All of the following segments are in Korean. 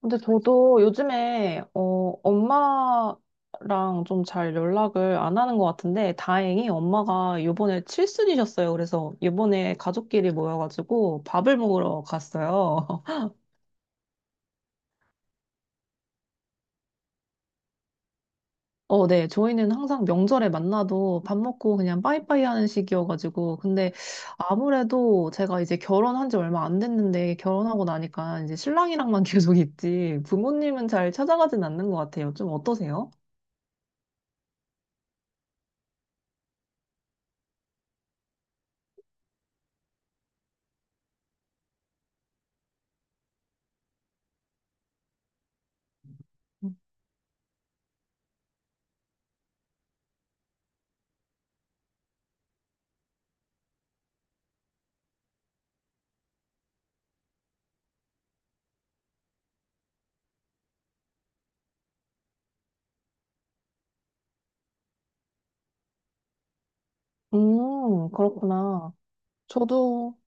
근데 저도 요즘에 엄마랑 좀 잘 연락을 안 하는 것 같은데 다행히 엄마가 요번에 칠순이셨어요. 그래서 요번에 가족끼리 모여가지고 밥을 먹으러 갔어요. 네. 저희는 항상 명절에 만나도 밥 먹고 그냥 빠이빠이 하는 식이어가지고 근데 아무래도 제가 이제 결혼한 지 얼마 안 됐는데 결혼하고 나니까 이제 신랑이랑만 계속 있지 부모님은 잘 찾아가진 않는 것 같아요. 좀 어떠세요? 그렇구나. 저도,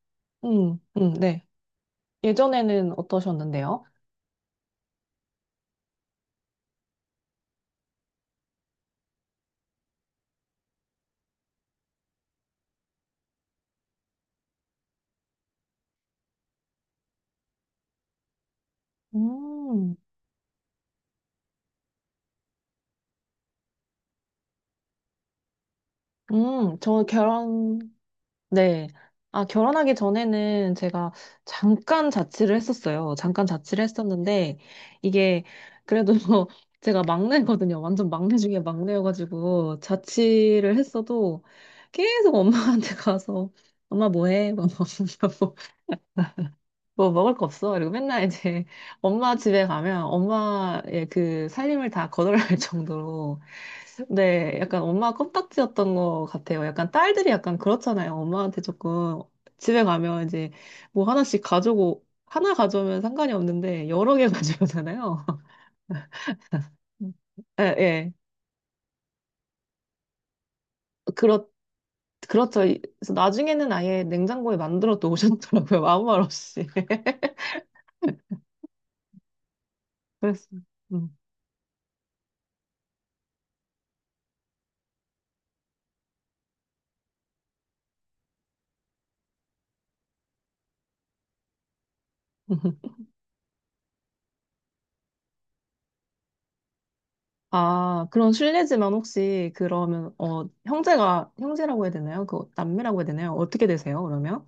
네. 예전에는 어떠셨는데요? 음, 저 결혼, 네. 아, 결혼하기 전에는 제가 잠깐 자취를 했었어요. 잠깐 자취를 했었는데, 이게 그래도 제가 막내거든요. 완전 막내 중에 막내여가지고, 자취를 했어도 계속 엄마한테 가서, 엄마 뭐 해? 막 물어보고 뭐 먹을 거 없어. 그리고 맨날 이제 엄마 집에 가면 엄마의 그 살림을 다 거덜날 정도로. 네, 약간 엄마 껌딱지였던 것 같아요. 약간 딸들이 약간 그렇잖아요. 엄마한테 조금 집에 가면 이제 뭐 하나씩 가져오고, 하나 가져오면 상관이 없는데 여러 개 가져오잖아요. 음. 예, 예. 그렇, 그렇죠. 이- 그래서 나중에는 아예 냉장고에 만들어 놓으셨더라고요. 아무 말 없이. 그랬어요. 음. 아, 그런 실례지만 혹시 그러면 형제가 형제라고 해야 되나요? 그 남매라고 해야 되나요? 어떻게 되세요? 그러면?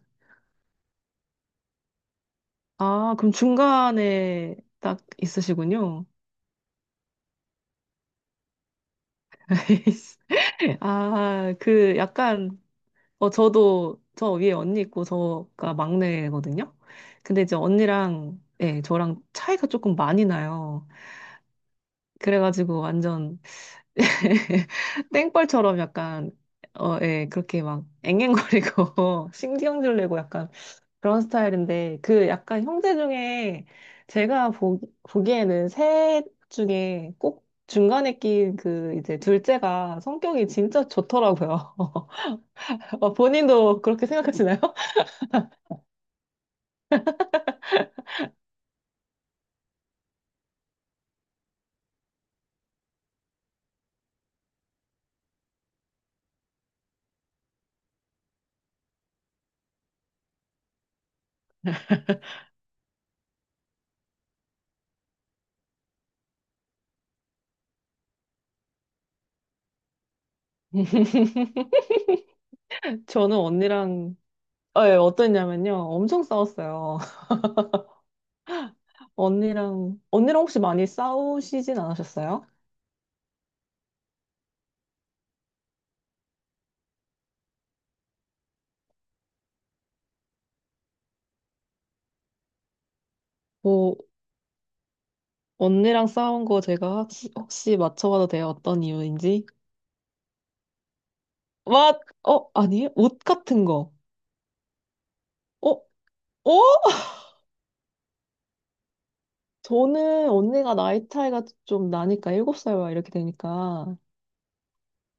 아, 그럼 중간에 딱 있으시군요. 아, 그 약간 저도 저 위에 언니 있고 저가 막내거든요. 근데 이제 언니랑 예, 저랑 차이가 조금 많이 나요. 그래가지고 완전 땡벌처럼 약간 어, 예, 그렇게 막 앵앵거리고 신경질 내고 약간 그런 스타일인데, 그 약간 형제 중에 제가 보기에는 셋 중에 꼭 중간에 낀 그 이제 둘째가 성격이 진짜 좋더라고요. 어, 본인도 그렇게 생각하시나요? 저는 언니랑 어, 예, 어땠냐면요. 엄청 싸웠어요. 언니랑 혹시 많이 싸우시진 않으셨어요? 뭐 언니랑 싸운 거 제가 혹시 맞춰봐도 돼요? 어떤 이유인지? 아니에요? 옷 같은 거. 어, 어? 저는 언니가 나이 차이가 좀 나니까, 7살 와 이렇게 되니까.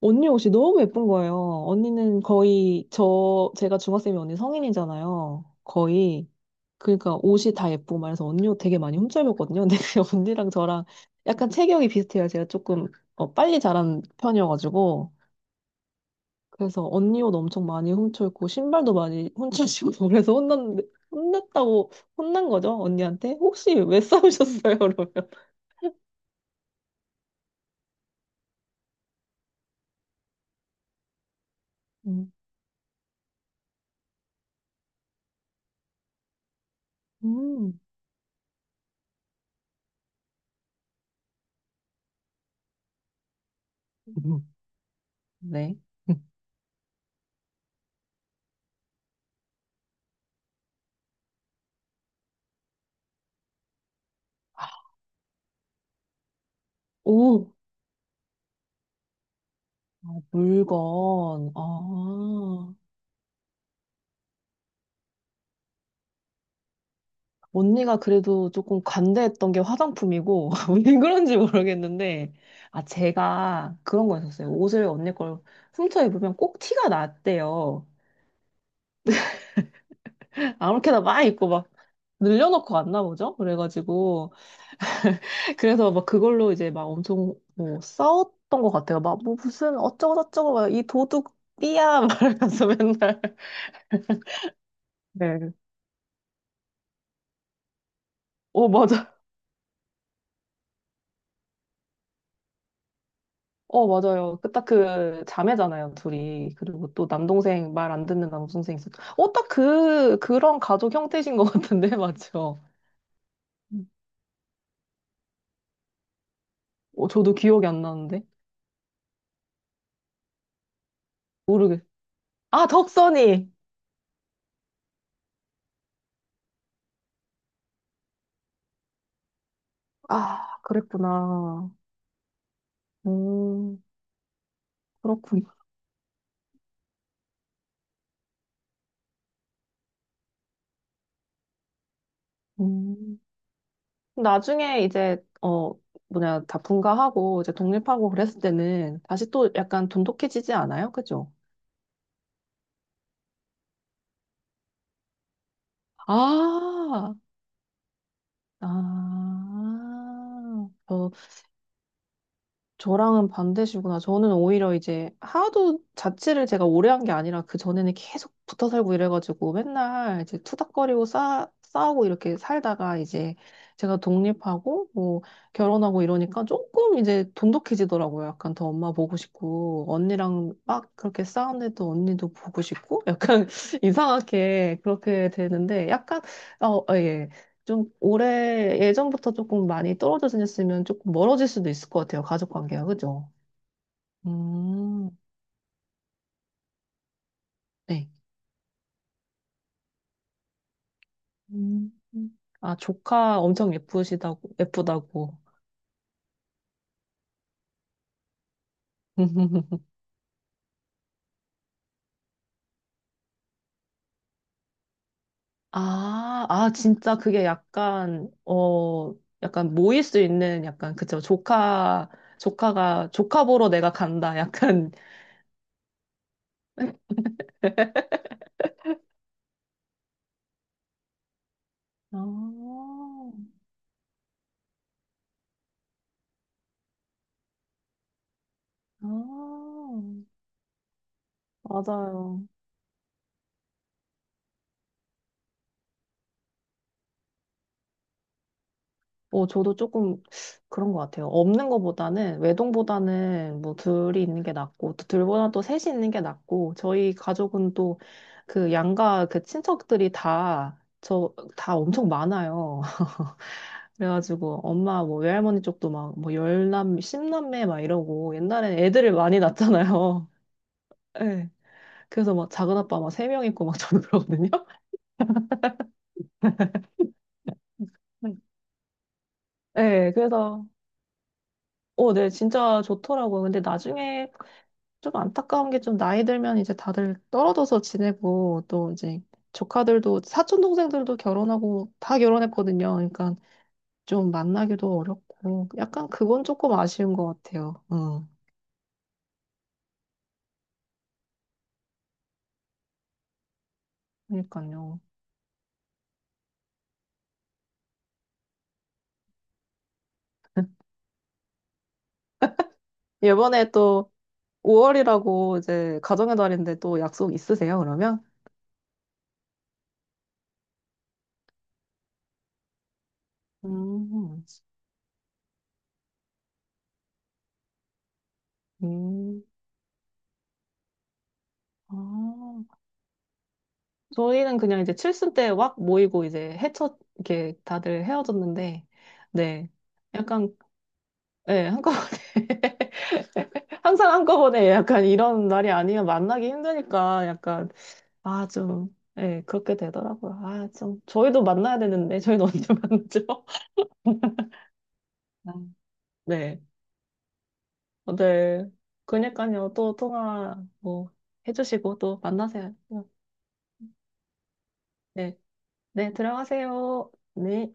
언니 옷이 너무 예쁜 거예요. 언니는 거의, 저, 제가 중학생이 언니 성인이잖아요. 거의. 그러니까 옷이 다 예쁘고 말해서 언니 옷 되게 많이 훔쳐입었거든요. 근데 언니랑 저랑 약간 체격이 비슷해요. 제가 조금 어, 빨리 자란 편이어가지고. 그래서 언니 옷 엄청 많이 훔쳐입고, 신발도 많이 훔쳐입고, 그래서 혼났는데, 혼났다고, 혼난 거죠? 언니한테? 혹시 왜 싸우셨어요? 그러면. 음. 음. 음, 네. 오, 아, 물건. 아, 언니가 그래도 조금 관대했던 게 화장품이고, 왜 그런지 모르겠는데, 아, 제가 그런 거 있었어요 옷을 언니 걸 훔쳐 입으면 꼭 티가 났대요. 아무렇게나 막 입고 막 늘려놓고 왔나 보죠? 그래가지고. 그래서 막 그걸로 이제 막 엄청 뭐 싸웠던 것 같아요. 막 뭐 무슨 어쩌고저쩌고 막 이 도둑 띠야 말하면서 맨날. 네. 오, 맞아요. 어, 맞아요. 그 딱 그 자매잖아요, 둘이. 그리고 또 남동생 말 안 듣는 남동생 있었. 어, 딱 그, 그런 가족 형태신 것 같은데, 맞죠? 어, 저도 기억이 안 나는데. 모르겠. 아, 덕선이! 아, 그랬구나. 음, 그렇군나 음. 나중에 이제, 어, 뭐냐, 다 분가하고, 이제 독립하고 그랬을 때는 다시 또 약간 돈독해지지 않아요? 그죠? 아, 아. 저랑은 반대시구나. 저는 오히려 이제 하도 자취를 제가 오래 한 게 아니라 그 전에는 계속 붙어 살고 이래가지고 맨날 이제 투닥거리고 싸우고 이렇게 살다가 이제 제가 독립하고 뭐 결혼하고 이러니까 조금 이제 돈독해지더라고요. 약간 더 엄마 보고 싶고 언니랑 막 그렇게 싸우는데도 언니도 보고 싶고 약간 이상하게 그렇게 되는데 약간 어, 어, 예. 좀 올해 예전부터 조금 많이 떨어져 지냈으면 조금 멀어질 수도 있을 것 같아요. 가족 관계가, 그죠? 음, 네. 음. 아, 조카 엄청 예쁘시다고, 예쁘다고. 아, 아, 진짜 그게 약간, 어, 약간 모일 수 있는 약간, 그쵸. 조카, 조카가, 조카 보러 내가 간다. 약간, 아, 아, 맞아요. 뭐 저도 조금 그런 것 같아요. 없는 것보다는 외동보다는 뭐 둘이 있는 게 낫고 또 둘보다 또 셋이 있는 게 낫고 저희 가족은 또 그 양가 그 친척들이 다 저 다 엄청 많아요. 그래가지고 엄마 뭐 외할머니 쪽도 막 뭐 열남 십남매 막 이러고 옛날엔 애들을 많이 낳잖아요. 네. 그래서 막 작은 아빠 막 세 명 있고 막 저도 그러거든요. 네, 그래서, 어, 네, 진짜 좋더라고요. 근데 나중에 좀 안타까운 게 좀 나이 들면 이제 다들 떨어져서 지내고 또 이제 조카들도 사촌 동생들도 결혼하고 다 결혼했거든요. 그러니까 좀 만나기도 어렵고 약간 그건 조금 아쉬운 것 같아요. 응. 그러니까요. 이번에 또 5월이라고 이제 가정의 달인데 또 약속 있으세요, 그러면? 음, 음, 아. 저희는 그냥 이제 칠순 때 확 모이고 이제 헤쳐, 이렇게 다들 헤어졌는데, 네. 약간, 예, 한꺼번에. 항상 한꺼번에 약간 이런 날이 아니면 만나기 힘드니까 약간, 아, 좀, 예, 그렇게 되더라고요. 아, 좀, 저희도 만나야 되는데, 저희는 언제 만나죠? 아, 네. 어, 네. 그러니까요. 또 통화 뭐 해주시고 또 만나세요. 네. 네, 들어가세요. 네.